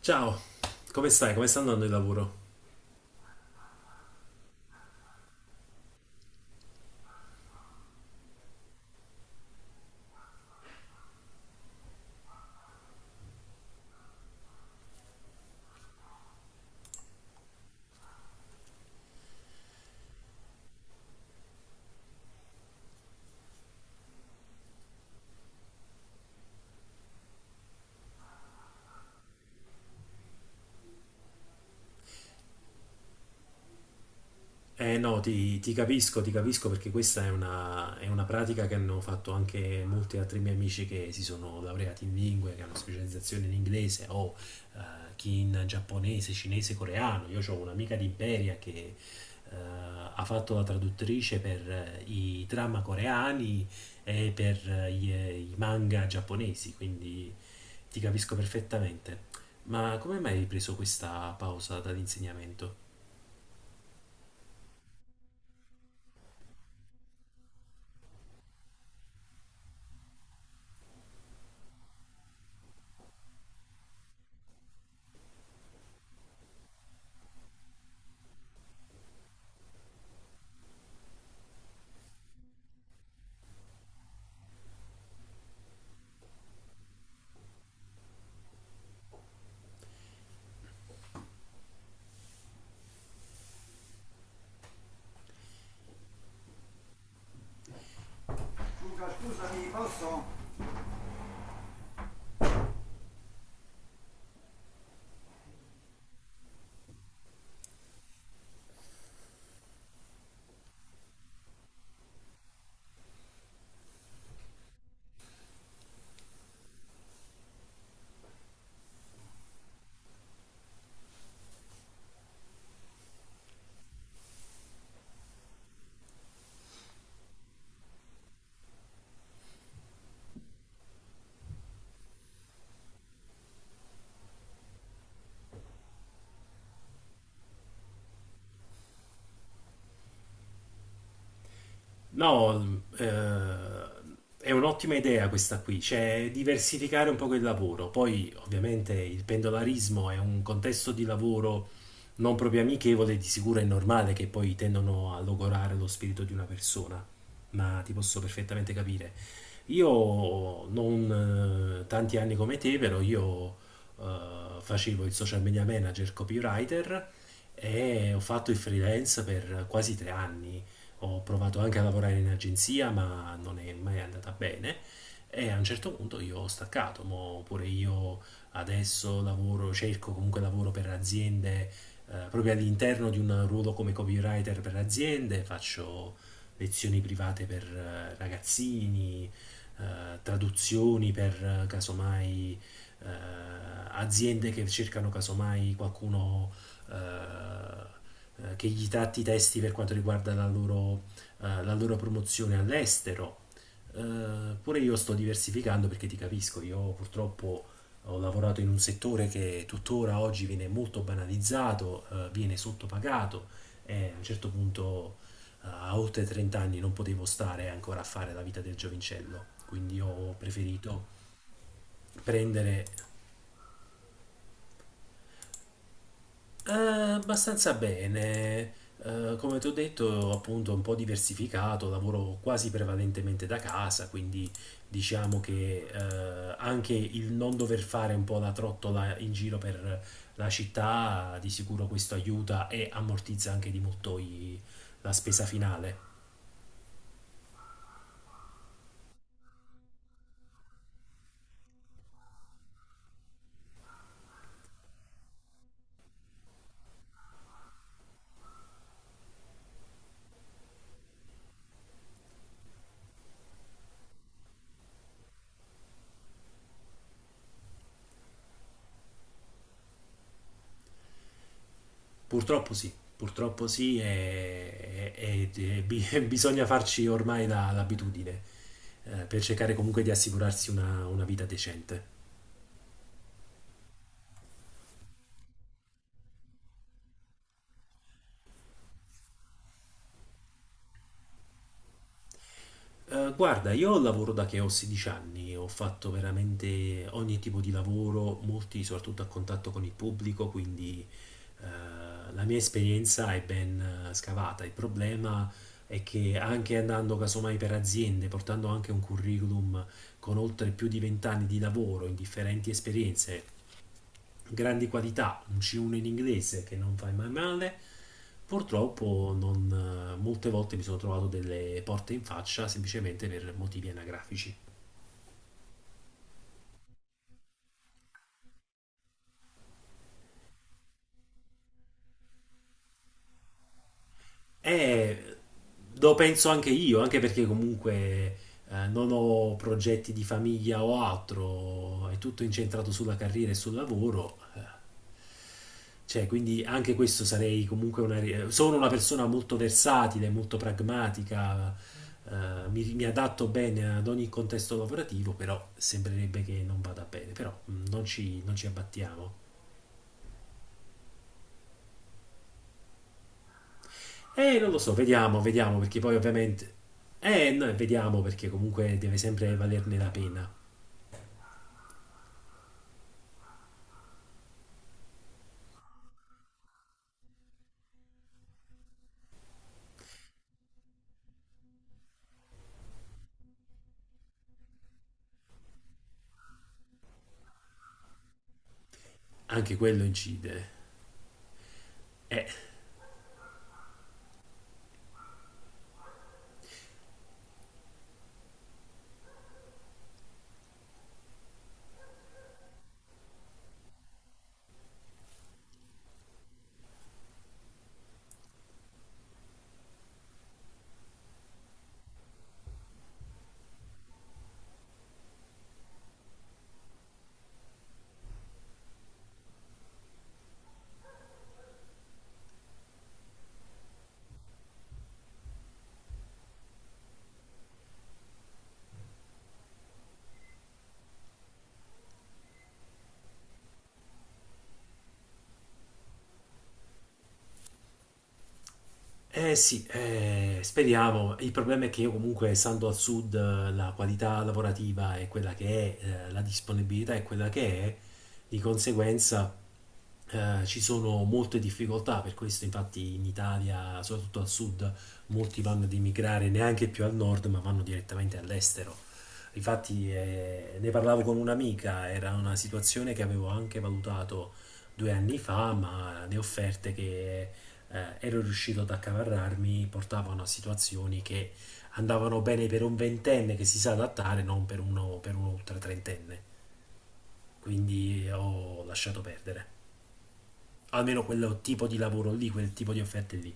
Ciao, come stai? Come sta andando il lavoro? Eh no, ti capisco, ti capisco perché questa è una pratica che hanno fatto anche molti altri miei amici che si sono laureati in lingue, che hanno specializzazione in inglese o eh, chi in giapponese, cinese, coreano. Io ho un'amica di Imperia che ha fatto la traduttrice per i drama coreani e per i manga giapponesi, quindi ti capisco perfettamente. Ma come mai hai preso questa pausa dall'insegnamento? Luca, scusami, posso? No, è un'ottima idea questa qui, cioè diversificare un po' il lavoro. Poi ovviamente il pendolarismo è un contesto di lavoro non proprio amichevole, di sicuro è normale che poi tendono a logorare lo spirito di una persona, ma ti posso perfettamente capire. Io non tanti anni come te, però io facevo il social media manager, copywriter e ho fatto il freelance per quasi 3 anni. Ho provato anche a lavorare in agenzia, ma non è mai andata bene. E a un certo punto io ho staccato, mo pure io adesso lavoro, cerco comunque lavoro per aziende, proprio all'interno di un ruolo come copywriter per aziende, faccio lezioni private per ragazzini, eh, traduzioni per casomai eh, aziende che cercano casomai qualcuno che gli tratti i testi per quanto riguarda la loro promozione all'estero. Pure io sto diversificando perché ti capisco, io purtroppo ho lavorato in un settore che tuttora oggi viene molto banalizzato, viene sottopagato e a un certo punto a oltre 30 anni non potevo stare ancora a fare la vita del giovincello, quindi ho preferito prendere. Abbastanza bene. Come ti ho detto, appunto, un po' diversificato, lavoro quasi prevalentemente da casa, quindi diciamo che anche il non dover fare un po' la trottola in giro per la città, di sicuro questo aiuta e ammortizza anche di molto la spesa finale. Purtroppo sì, purtroppo sì, e bisogna farci ormai l'abitudine, per cercare comunque di assicurarsi una vita decente. Guarda, io lavoro da che ho 16 anni, ho fatto veramente ogni tipo di lavoro, molti soprattutto a contatto con il pubblico, quindi la mia esperienza è ben scavata. Il problema è che anche andando casomai per aziende, portando anche un curriculum con oltre più di 20 anni di lavoro in differenti esperienze, grandi qualità, un C1 in inglese che non fai mai male. Purtroppo non, molte volte mi sono trovato delle porte in faccia semplicemente per motivi anagrafici. Eh, lo penso anche io, anche perché comunque non ho progetti di famiglia o altro, è tutto incentrato sulla carriera e sul lavoro. Cioè, quindi anche questo sarei comunque Sono una persona molto versatile, molto pragmatica, mi adatto bene ad ogni contesto lavorativo, però sembrerebbe che non vada bene, però non ci abbattiamo. Non lo so, vediamo, vediamo, perché poi ovviamente. No, vediamo perché comunque deve sempre valerne la pena. Anche quello incide. Eh, Eh sì, speriamo. Il problema è che io comunque, essendo al sud, la qualità lavorativa è quella che è, la disponibilità è quella che è, di conseguenza ci sono molte difficoltà, per questo infatti in Italia, soprattutto al sud, molti vanno ad emigrare neanche più al nord, ma vanno direttamente all'estero. Infatti ne parlavo con un'amica, era una situazione che avevo anche valutato 2 anni fa, ma le offerte che ero riuscito ad accavarrarmi portavano a situazioni che andavano bene per un ventenne che si sa adattare, non per uno, per un ultra trentenne. Quindi ho lasciato perdere. Almeno quel tipo di lavoro lì, quel tipo di offerte lì.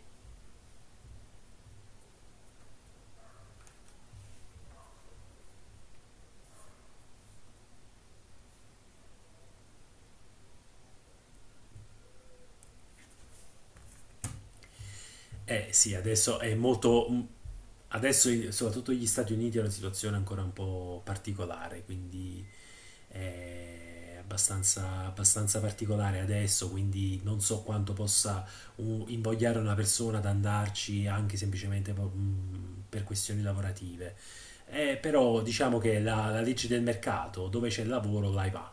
Eh sì, adesso è molto. Adesso soprattutto gli Stati Uniti è una situazione ancora un po' particolare, quindi è abbastanza, abbastanza particolare adesso, quindi non so quanto possa invogliare una persona ad andarci anche semplicemente per questioni lavorative. Però diciamo che la legge del mercato, dove c'è il lavoro, là va.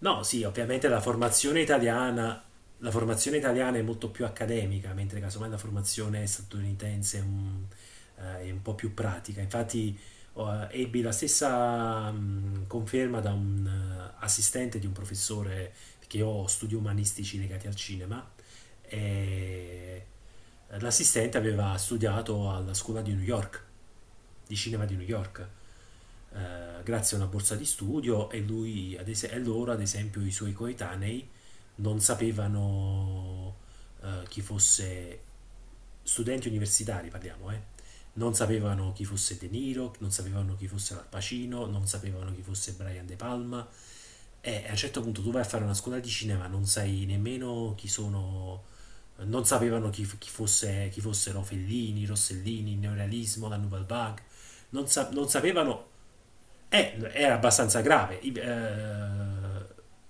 No, sì, ovviamente la formazione italiana è molto più accademica, mentre casomai la formazione statunitense è un po' più pratica. Infatti, oh, ebbi la stessa conferma da un assistente di un professore, perché io ho studi umanistici legati al cinema, e l'assistente aveva studiato alla scuola di New York di cinema di New York, eh, grazie a una borsa di studio e lui, e loro, ad esempio, i suoi coetanei non sapevano chi fosse studenti universitari, parliamo. Non sapevano chi fosse De Niro, non sapevano chi fosse Al Pacino, non sapevano chi fosse Brian De Palma. E a un certo punto tu vai a fare una scuola di cinema, non sai nemmeno chi sono, non sapevano chi fosse, chi fossero Fellini, Rossellini, il neorealismo, la Nouvelle Vague non, non sapevano, era abbastanza grave,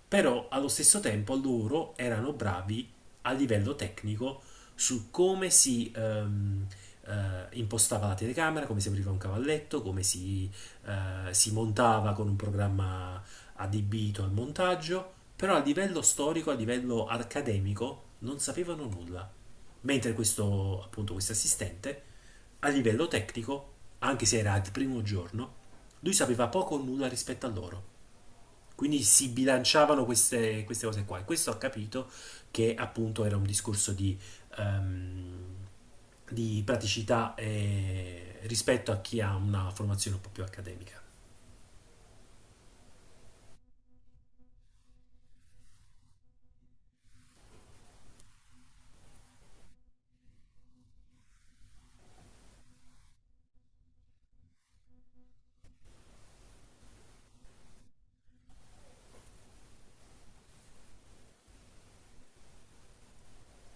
però allo stesso tempo loro erano bravi a livello tecnico su come si impostava la telecamera, come si apriva un cavalletto, come si, si montava con un programma adibito al montaggio, però a livello storico, a livello accademico, non sapevano nulla. Mentre questo, appunto, questo assistente, a livello tecnico, anche se era il primo giorno, lui sapeva poco o nulla rispetto a loro. Quindi si bilanciavano queste cose qua. E questo ha capito che appunto era un discorso ehm, di praticità rispetto a chi ha una formazione un po' più accademica.